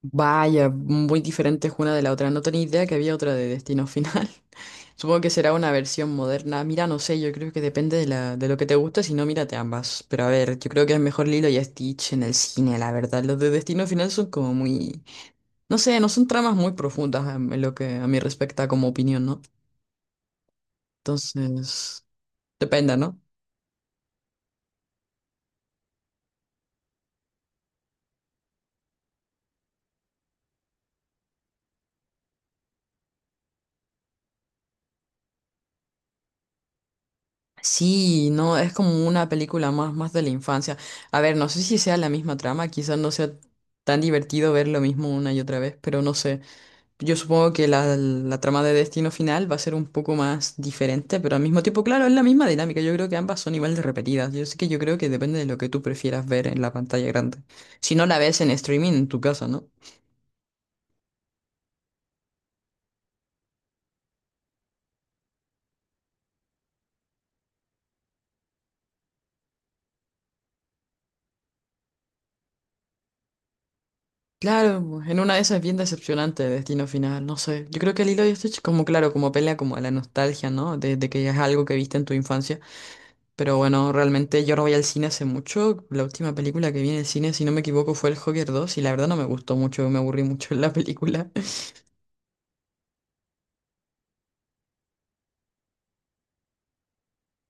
Vaya, muy diferentes una de la otra. No tenía idea que había otra de Destino Final. Supongo que será una versión moderna. Mira, no sé, yo creo que depende de lo que te guste, si no, mírate ambas. Pero a ver, yo creo que es mejor Lilo y Stitch en el cine, la verdad. Los de Destino Final son como muy... No sé, no son tramas muy profundas en lo que a mí respecta como opinión, ¿no? Entonces, depende, ¿no? Sí, no, es como una película más, más de la infancia. A ver, no sé si sea la misma trama, quizás no sea tan divertido ver lo mismo una y otra vez, pero no sé. Yo supongo que la trama de Destino Final va a ser un poco más diferente, pero al mismo tiempo, claro, es la misma dinámica. Yo creo que ambas son igual de repetidas. Yo sé que yo creo que depende de lo que tú prefieras ver en la pantalla grande. Si no la ves en streaming en tu casa, ¿no? Claro, en una de esas es bien decepcionante el destino final, no sé. Yo creo que Lilo y Stitch como claro, como pelea como a la nostalgia, ¿no? De que es algo que viste en tu infancia. Pero bueno, realmente yo no voy al cine hace mucho. La última película que vi en el cine, si no me equivoco, fue El Joker 2 y la verdad no me gustó mucho, me aburrí mucho en la película.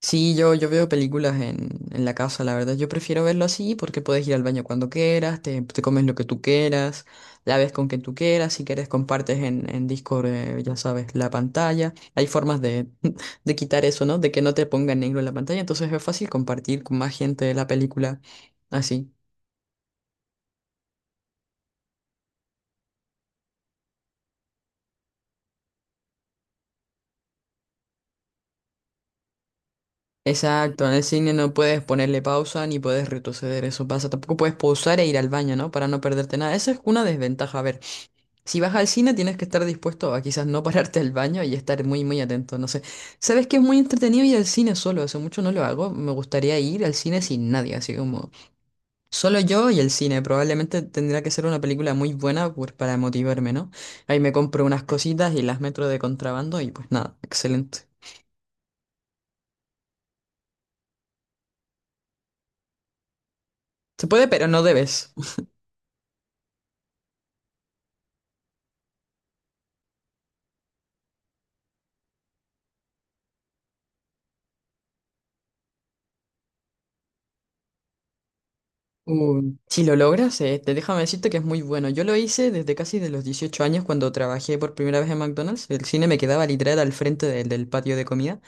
Sí, yo veo películas en, la casa, la verdad. Yo prefiero verlo así porque puedes ir al baño cuando quieras, te comes lo que tú quieras, la ves con quien tú quieras, si quieres compartes en Discord, ya sabes, la pantalla. Hay formas de, de quitar eso, ¿no? De que no te ponga en negro la pantalla, entonces es fácil compartir con más gente la película así. Exacto, en el cine no puedes ponerle pausa ni puedes retroceder, eso pasa. Tampoco puedes pausar e ir al baño, ¿no? Para no perderte nada. Esa es una desventaja, a ver. Si vas al cine tienes que estar dispuesto a quizás no pararte al baño y estar muy muy atento, no sé. Sabes que es muy entretenido ir al cine solo, hace mucho no lo hago, me gustaría ir al cine sin nadie, así como solo yo y el cine, probablemente tendría que ser una película muy buena para motivarme, ¿no? Ahí me compro unas cositas y las meto de contrabando y pues nada, excelente. Se puede, pero no debes. Si lo logras, te déjame decirte que es muy bueno. Yo lo hice desde casi de los 18 años cuando trabajé por primera vez en McDonald's. El cine me quedaba literal al frente del patio de comida.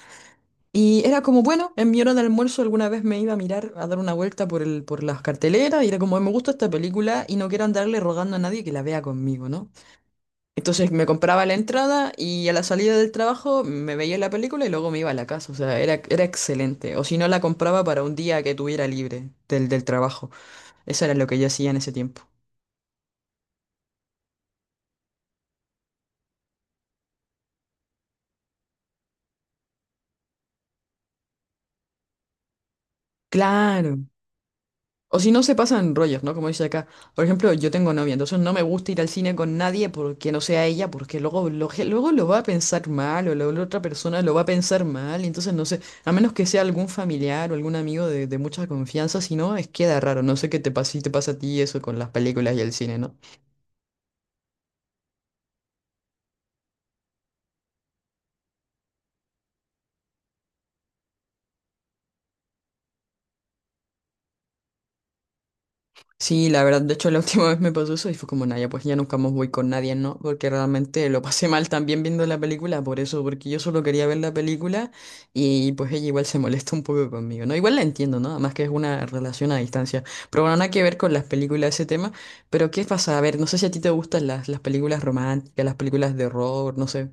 Y era como, bueno, en mi hora de almuerzo alguna vez me iba a mirar, a dar una vuelta por las carteleras y era como, me gusta esta película y no quiero andarle rogando a nadie que la vea conmigo, ¿no? Entonces me compraba la entrada y a la salida del trabajo me veía la película y luego me iba a la casa, o sea, era excelente. O si no, la compraba para un día que tuviera libre del trabajo. Eso era lo que yo hacía en ese tiempo. Claro. O si no se pasan rollos, ¿no? Como dice acá. Por ejemplo, yo tengo novia, entonces no me gusta ir al cine con nadie porque no sea ella, porque luego lo va a pensar mal o la otra persona lo va a pensar mal, y entonces no sé, a menos que sea algún familiar o algún amigo de mucha confianza, si no, es queda raro. No sé qué te pasa, si te pasa a ti eso con las películas y el cine, ¿no? Sí, la verdad, de hecho la última vez me pasó eso y fue como, Naya, pues ya nunca más voy con nadie, ¿no? Porque realmente lo pasé mal también viendo la película, por eso, porque yo solo quería ver la película y pues ella igual se molesta un poco conmigo, ¿no? Igual la entiendo, ¿no? Además que es una relación a distancia. Pero bueno, nada que ver con las películas ese tema, pero ¿qué pasa? A ver, no sé si a ti te gustan las películas románticas, las películas de horror, no sé.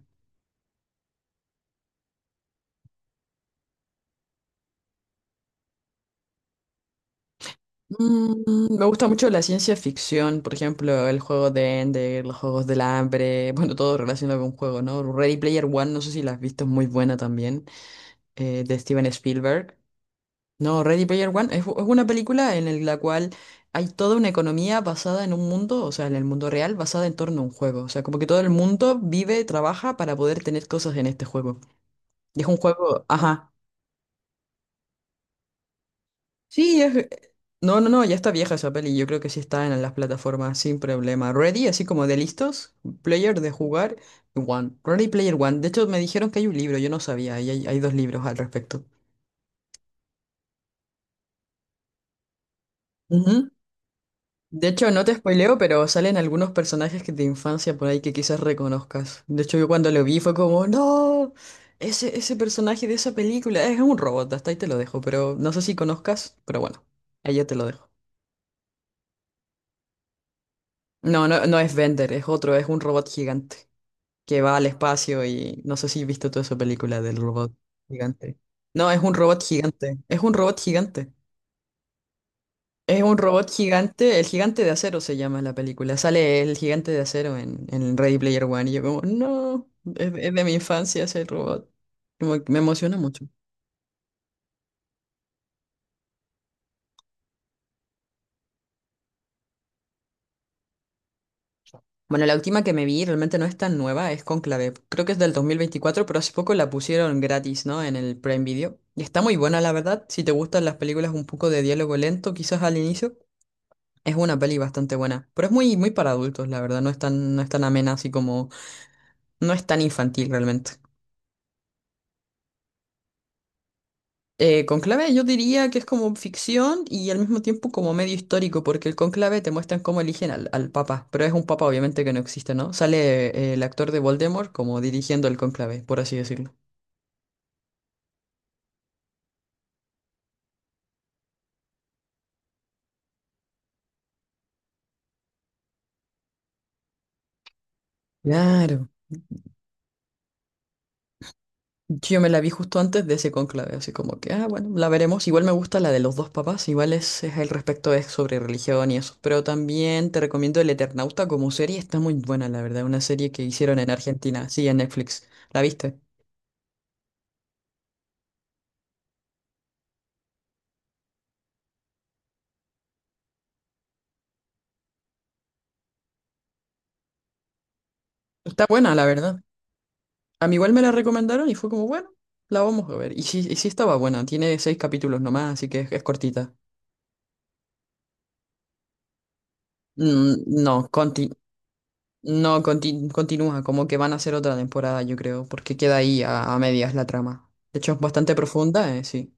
Me gusta mucho la ciencia ficción, por ejemplo, el juego de Ender, los juegos del hambre, bueno, todo relacionado con juego, ¿no? Ready Player One, no sé si la has visto, es muy buena también, de Steven Spielberg. No, Ready Player One es una película en la cual hay toda una economía basada en un mundo, o sea, en el mundo real, basada en torno a un juego. O sea, como que todo el mundo vive, trabaja para poder tener cosas en este juego. Y es un juego, ajá. Sí, no, no, no, ya está vieja esa peli. Yo creo que sí está en las plataformas sin problema. Ready, así como de listos, player de jugar, One. Ready Player One. De hecho, me dijeron que hay un libro, yo no sabía, y hay dos libros al respecto. Ujú. De hecho, no te spoileo, pero salen algunos personajes que de infancia por ahí que quizás reconozcas. De hecho, yo cuando lo vi fue como, no, ese personaje de esa película es un robot, hasta ahí te lo dejo, pero no sé si conozcas, pero bueno, ahí ya te lo dejo. No, no, no es Bender, es otro, es un robot gigante. Que va al espacio y no sé si has visto toda esa película del robot gigante. No, es un robot gigante, es un robot gigante. Es un robot gigante, el gigante de acero se llama la película. Sale el gigante de acero en, Ready Player One y yo como, no, es de mi infancia ese robot. Como que me emociona mucho. Bueno, la última que me vi realmente no es tan nueva, es Conclave. Creo que es del 2024 pero hace poco la pusieron gratis, ¿no? En el Prime Video. Y está muy buena, la verdad. Si te gustan las películas un poco de diálogo lento, quizás al inicio. Es una peli bastante buena, pero es muy, muy para adultos, la verdad, no es tan amena así como, no es tan infantil realmente. Conclave yo diría que es como ficción y al mismo tiempo como medio histórico, porque el conclave te muestran cómo eligen al papa, pero es un papa obviamente que no existe, ¿no? Sale el actor de Voldemort como dirigiendo el conclave, por así decirlo. Claro. Yo me la vi justo antes de ese conclave, así como que, ah, bueno, la veremos. Igual me gusta la de los dos papás, igual es el respecto es sobre religión y eso. Pero también te recomiendo El Eternauta como serie, está muy buena, la verdad. Una serie que hicieron en Argentina, sí, en Netflix. ¿La viste? Está buena, la verdad. A mí igual me la recomendaron y fue como, bueno, la vamos a ver. Y sí estaba buena, tiene 6 capítulos nomás, así que es cortita. No, continúa. No, conti- Continúa, como que van a hacer otra temporada, yo creo, porque queda ahí a medias la trama. De hecho, es bastante profunda, sí.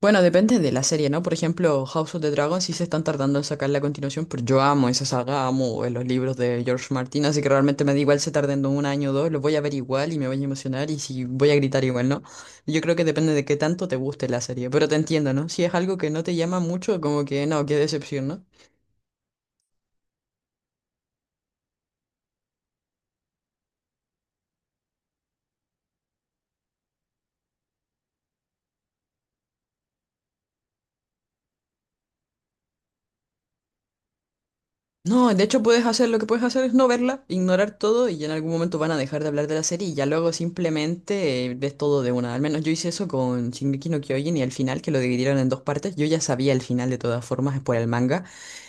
Bueno, depende de la serie, ¿no? Por ejemplo, House of the Dragon sí se están tardando en sacar la continuación, pero yo amo esa saga, amo los libros de George Martin, así que realmente me da igual se tarden un año o dos, los voy a ver igual y me voy a emocionar y si voy a gritar igual, ¿no? Yo creo que depende de qué tanto te guste la serie, pero te entiendo, ¿no? Si es algo que no te llama mucho, como que no, qué decepción, ¿no? No, de hecho puedes hacer lo que puedes hacer es no verla, ignorar todo y en algún momento van a dejar de hablar de la serie y ya luego simplemente ves todo de una. Al menos yo hice eso con Shingeki no Kyojin y al final que lo dividieron en dos partes, yo ya sabía el final de todas formas por el manga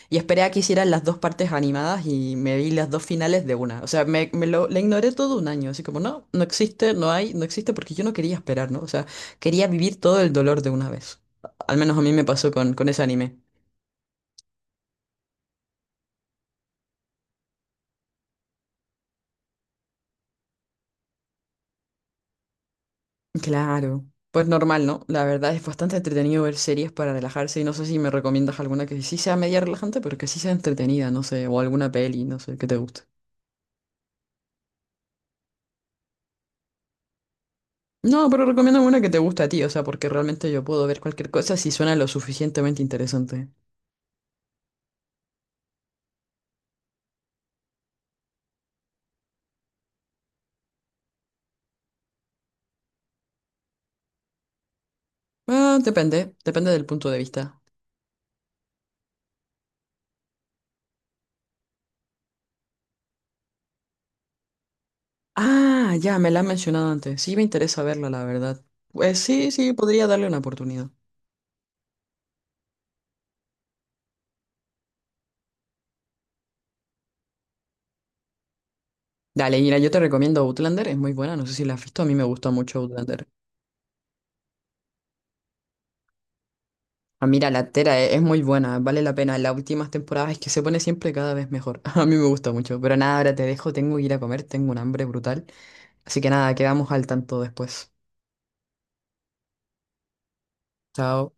y esperé a que hicieran las dos partes animadas y me vi las dos finales de una. O sea, me lo la ignoré todo un año, así como no, existe, no hay, no existe porque yo no quería esperar, ¿no? O sea, quería vivir todo el dolor de una vez. Al menos a mí me pasó con ese anime. Claro, pues normal, ¿no? La verdad es bastante entretenido ver series para relajarse y no sé si me recomiendas alguna que sí sea media relajante, pero que sí sea entretenida, no sé, o alguna peli, no sé, que te guste. No, pero recomiendo una que te guste a ti, o sea, porque realmente yo puedo ver cualquier cosa si suena lo suficientemente interesante. Ah, depende del punto de vista. Ah, ya, me la han mencionado antes, sí me interesa verla, la verdad. Pues sí, sí, podría darle una oportunidad. Dale, mira, yo te recomiendo Outlander, es muy buena, no sé si la has visto, a mí me gusta mucho Outlander. Ah, mira, la es muy buena, vale la pena. Las últimas temporadas es que se pone siempre cada vez mejor. A mí me gusta mucho. Pero nada, ahora te dejo, tengo que ir a comer, tengo un hambre brutal. Así que nada, quedamos al tanto después. Chao.